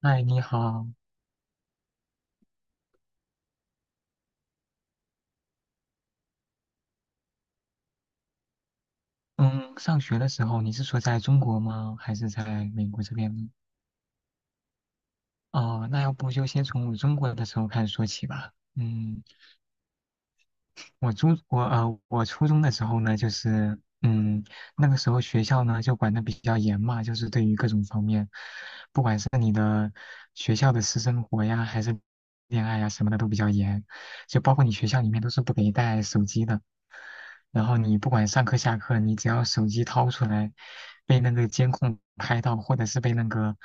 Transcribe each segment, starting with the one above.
嗨，你好。嗯，上学的时候你是说在中国吗？还是在美国这边呢？哦，那要不就先从我中国的时候开始说起吧。嗯，我初中的时候呢，就是那个时候学校呢就管的比较严嘛，就是对于各种方面，不管是你的学校的私生活呀，还是恋爱呀什么的都比较严，就包括你学校里面都是不给带手机的。然后你不管上课下课，你只要手机掏出来，被那个监控拍到，或者是被那个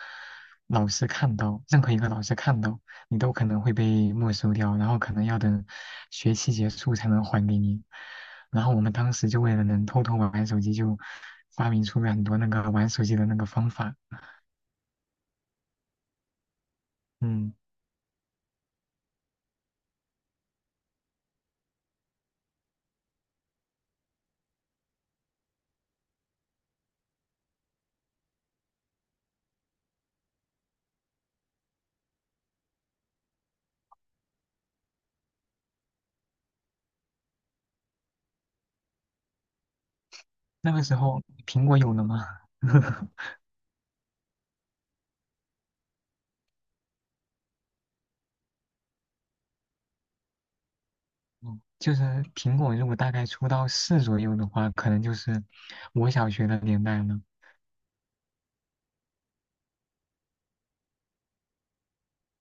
老师看到，任何一个老师看到，你都可能会被没收掉，然后可能要等学期结束才能还给你。然后我们当时就为了能偷偷玩玩手机，就发明出了很多那个玩手机的那个方法。嗯，那个时候苹果有了吗？嗯就是苹果如果大概出到四左右的话，可能就是我小学的年代了，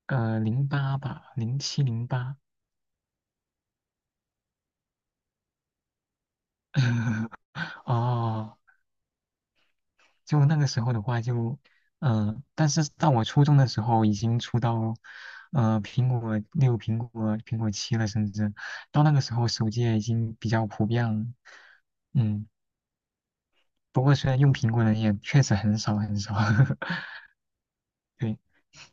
零八吧，零七零八。哦，就那个时候的话就，但是到我初中的时候已经出到，苹果六、苹果七了，甚至到那个时候手机也已经比较普遍了。嗯，不过虽然用苹果的人也确实很少很少，对，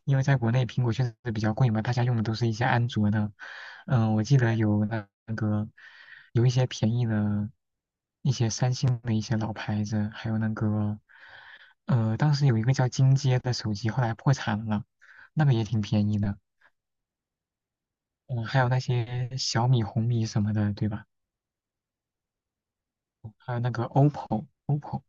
因为在国内苹果确实比较贵嘛，大家用的都是一些安卓的。嗯，我记得有那个有一些便宜的新的一些老牌子，还有那个。当时有一个叫金街的手机，后来破产了，那个也挺便宜的。嗯，还有那些小米、红米什么的，对吧？还有那个 OPPO，OPPO，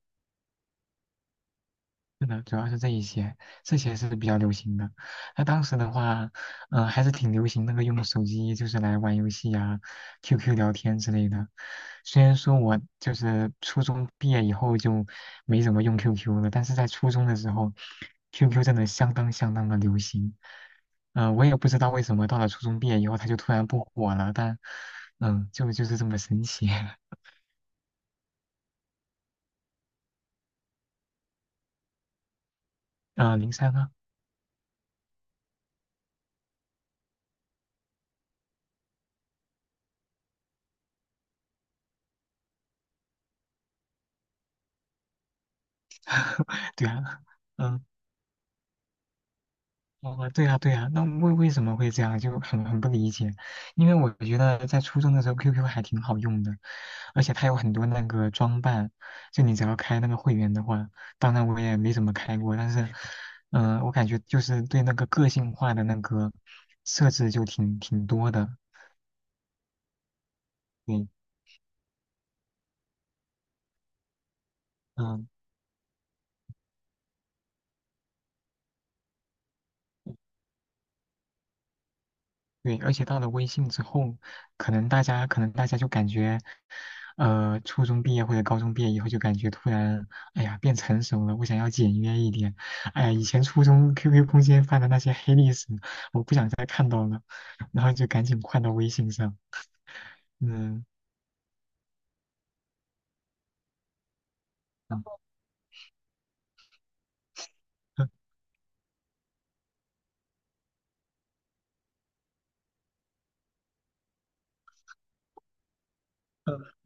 是的，主要是这一些，这些是比较流行的。那当时的话，还是挺流行那个用手机就是来玩游戏啊、QQ 聊天之类的。虽然说我就是初中毕业以后就没怎么用 QQ 了，但是在初中的时候，QQ 真的相当相当的流行。我也不知道为什么到了初中毕业以后，它就突然不火了，但就是这么神奇。嗯、零三啊，对啊，嗯、哦，对呀，对呀，那为什么会这样，就很不理解。因为我觉得在初中的时候，QQ 还挺好用的，而且它有很多那个装扮，就你只要开那个会员的话，当然我也没怎么开过，但是，我感觉就是对那个个性化的那个设置就挺多的。对，嗯、对，而且到了微信之后，可能大家就感觉，初中毕业或者高中毕业以后，就感觉突然，哎呀，变成熟了，我想要简约一点。哎呀，以前初中 QQ 空间发的那些黑历史，我不想再看到了，然后就赶紧换到微信上。嗯，嗯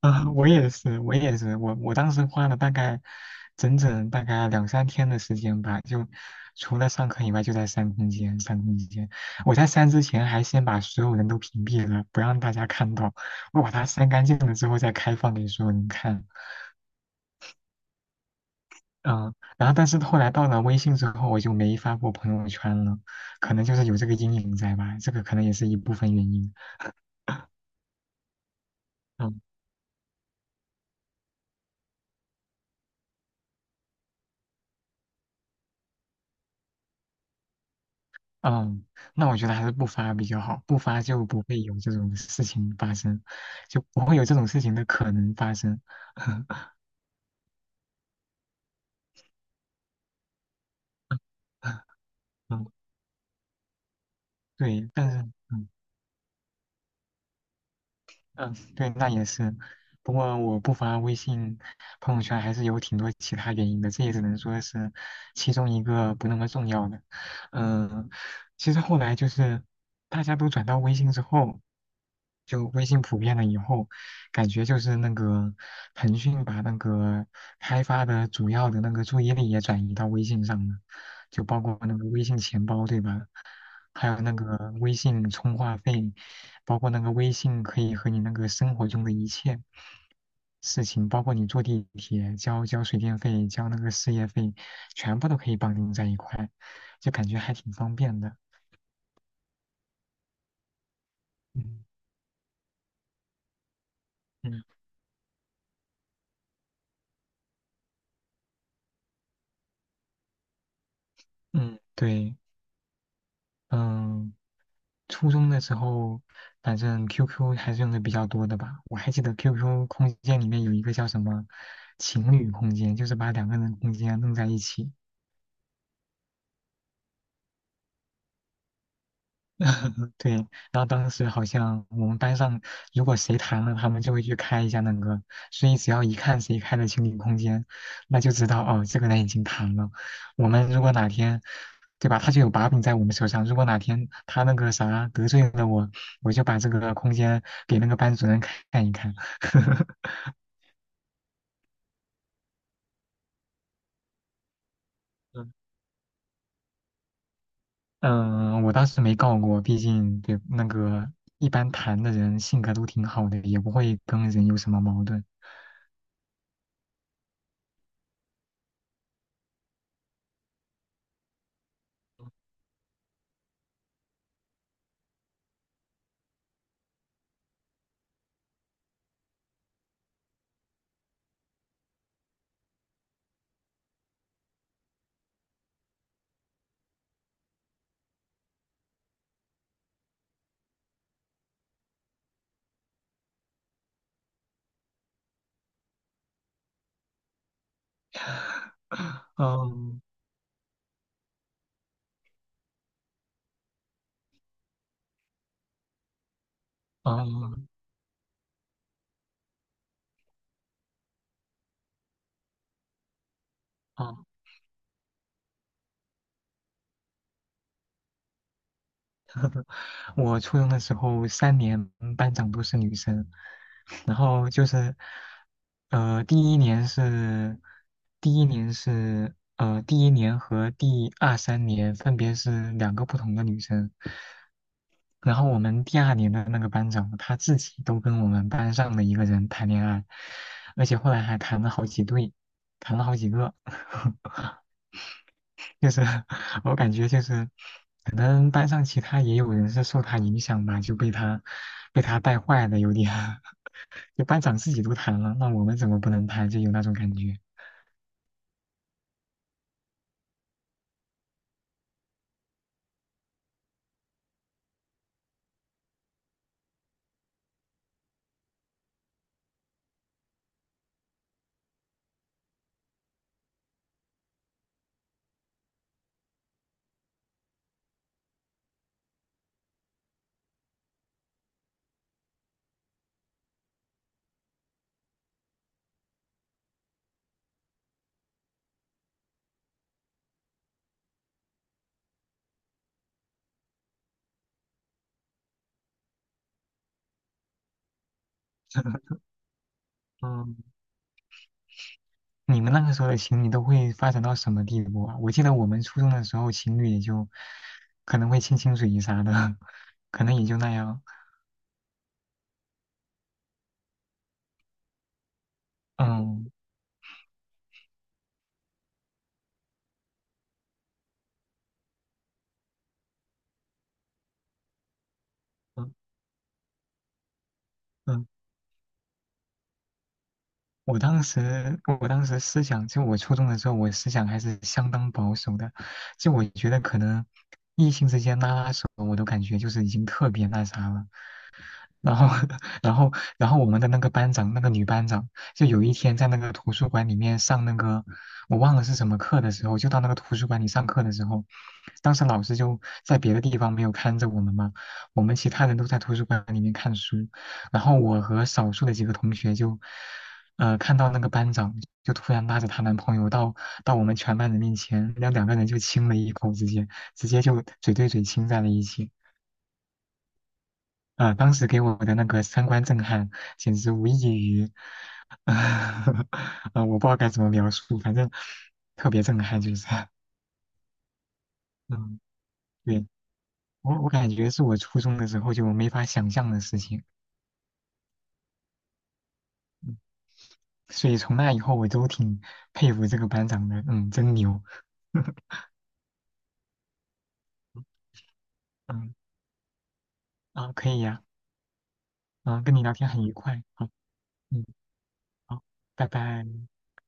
啊，我也是，我也是，我当时花了大概整整大概两三天的时间吧，就除了上课以外，就在删空间，删空间。我在删之前还先把所有人都屏蔽了，不让大家看到。我把它删干净了之后再开放给所有人看。嗯，然后但是后来到了微信之后，我就没发过朋友圈了，可能就是有这个阴影在吧，这个可能也是一部分原因。嗯嗯，那我觉得还是不发比较好，不发就不会有这种事情发生，就不会有这种事情的可能发生。嗯，对，但是嗯。嗯，对，那也是。不过我不发微信朋友圈还是有挺多其他原因的，这也只能说是其中一个不那么重要的。嗯，其实后来就是大家都转到微信之后，就微信普遍了以后，感觉就是那个腾讯把那个开发的主要的那个注意力也转移到微信上了，就包括那个微信钱包，对吧？还有那个微信充话费，包括那个微信可以和你那个生活中的一切事情，包括你坐地铁、交水电费、交那个事业费，全部都可以绑定在一块，就感觉还挺方便的。嗯嗯嗯，对，嗯，初中的时候，反正 QQ 还是用的比较多的吧。我还记得 QQ 空间里面有一个叫什么情侣空间，就是把两个人空间弄在一起。对，然后当时好像我们班上，如果谁谈了，他们就会去开一下那个，所以只要一看谁开了情侣空间，那就知道哦，这个人已经谈了。我们如果哪天，对吧，他就有把柄在我们手上。如果哪天他那个啥得罪了我，我就把这个空间给那个班主任看一看。嗯，我当时没告过，毕竟对那个一般谈的人性格都挺好的，也不会跟人有什么矛盾。嗯，哦哦，我初中的时候3年班长都是女生，然后就是，呃，第一年是，第一年和第二三年分别是两个不同的女生，然后我们第二年的那个班长他自己都跟我们班上的一个人谈恋爱，而且后来还谈了好几对，谈了好几个。就是 我感觉就是可能班上其他也有人是受他影响吧，就被他带坏的有点，就班长自己都谈了，那我们怎么不能谈？就有那种感觉。嗯，你们那个时候的情侣都会发展到什么地步啊？我记得我们初中的时候，情侣也就可能会亲亲嘴啥的，可能也就那样。嗯嗯嗯，我当时思想，就我初中的时候，我思想还是相当保守的。就我觉得可能异性之间拉拉手，我都感觉就是已经特别那啥了。然后，然后，然后我们的那个班长，那个女班长，就有一天在那个图书馆里面上那个，我忘了是什么课的时候，就到那个图书馆里上课的时候，当时老师就在别的地方没有看着我们嘛，我们其他人都在图书馆里面看书，然后我和少数的几个同学就，看到那个班长就突然拉着她男朋友到我们全班人面前，那两个人就亲了一口，直接就嘴对嘴亲在了一起。啊、当时给我的那个三观震撼，简直无异于，啊、我不知道该怎么描述，反正特别震撼，就是，嗯，对，我感觉是我初中的时候就没法想象的事情，嗯所以从那以后我都挺佩服这个班长的，真牛，嗯，啊，可以呀、啊，跟你聊天很愉快，好，嗯，好，拜拜。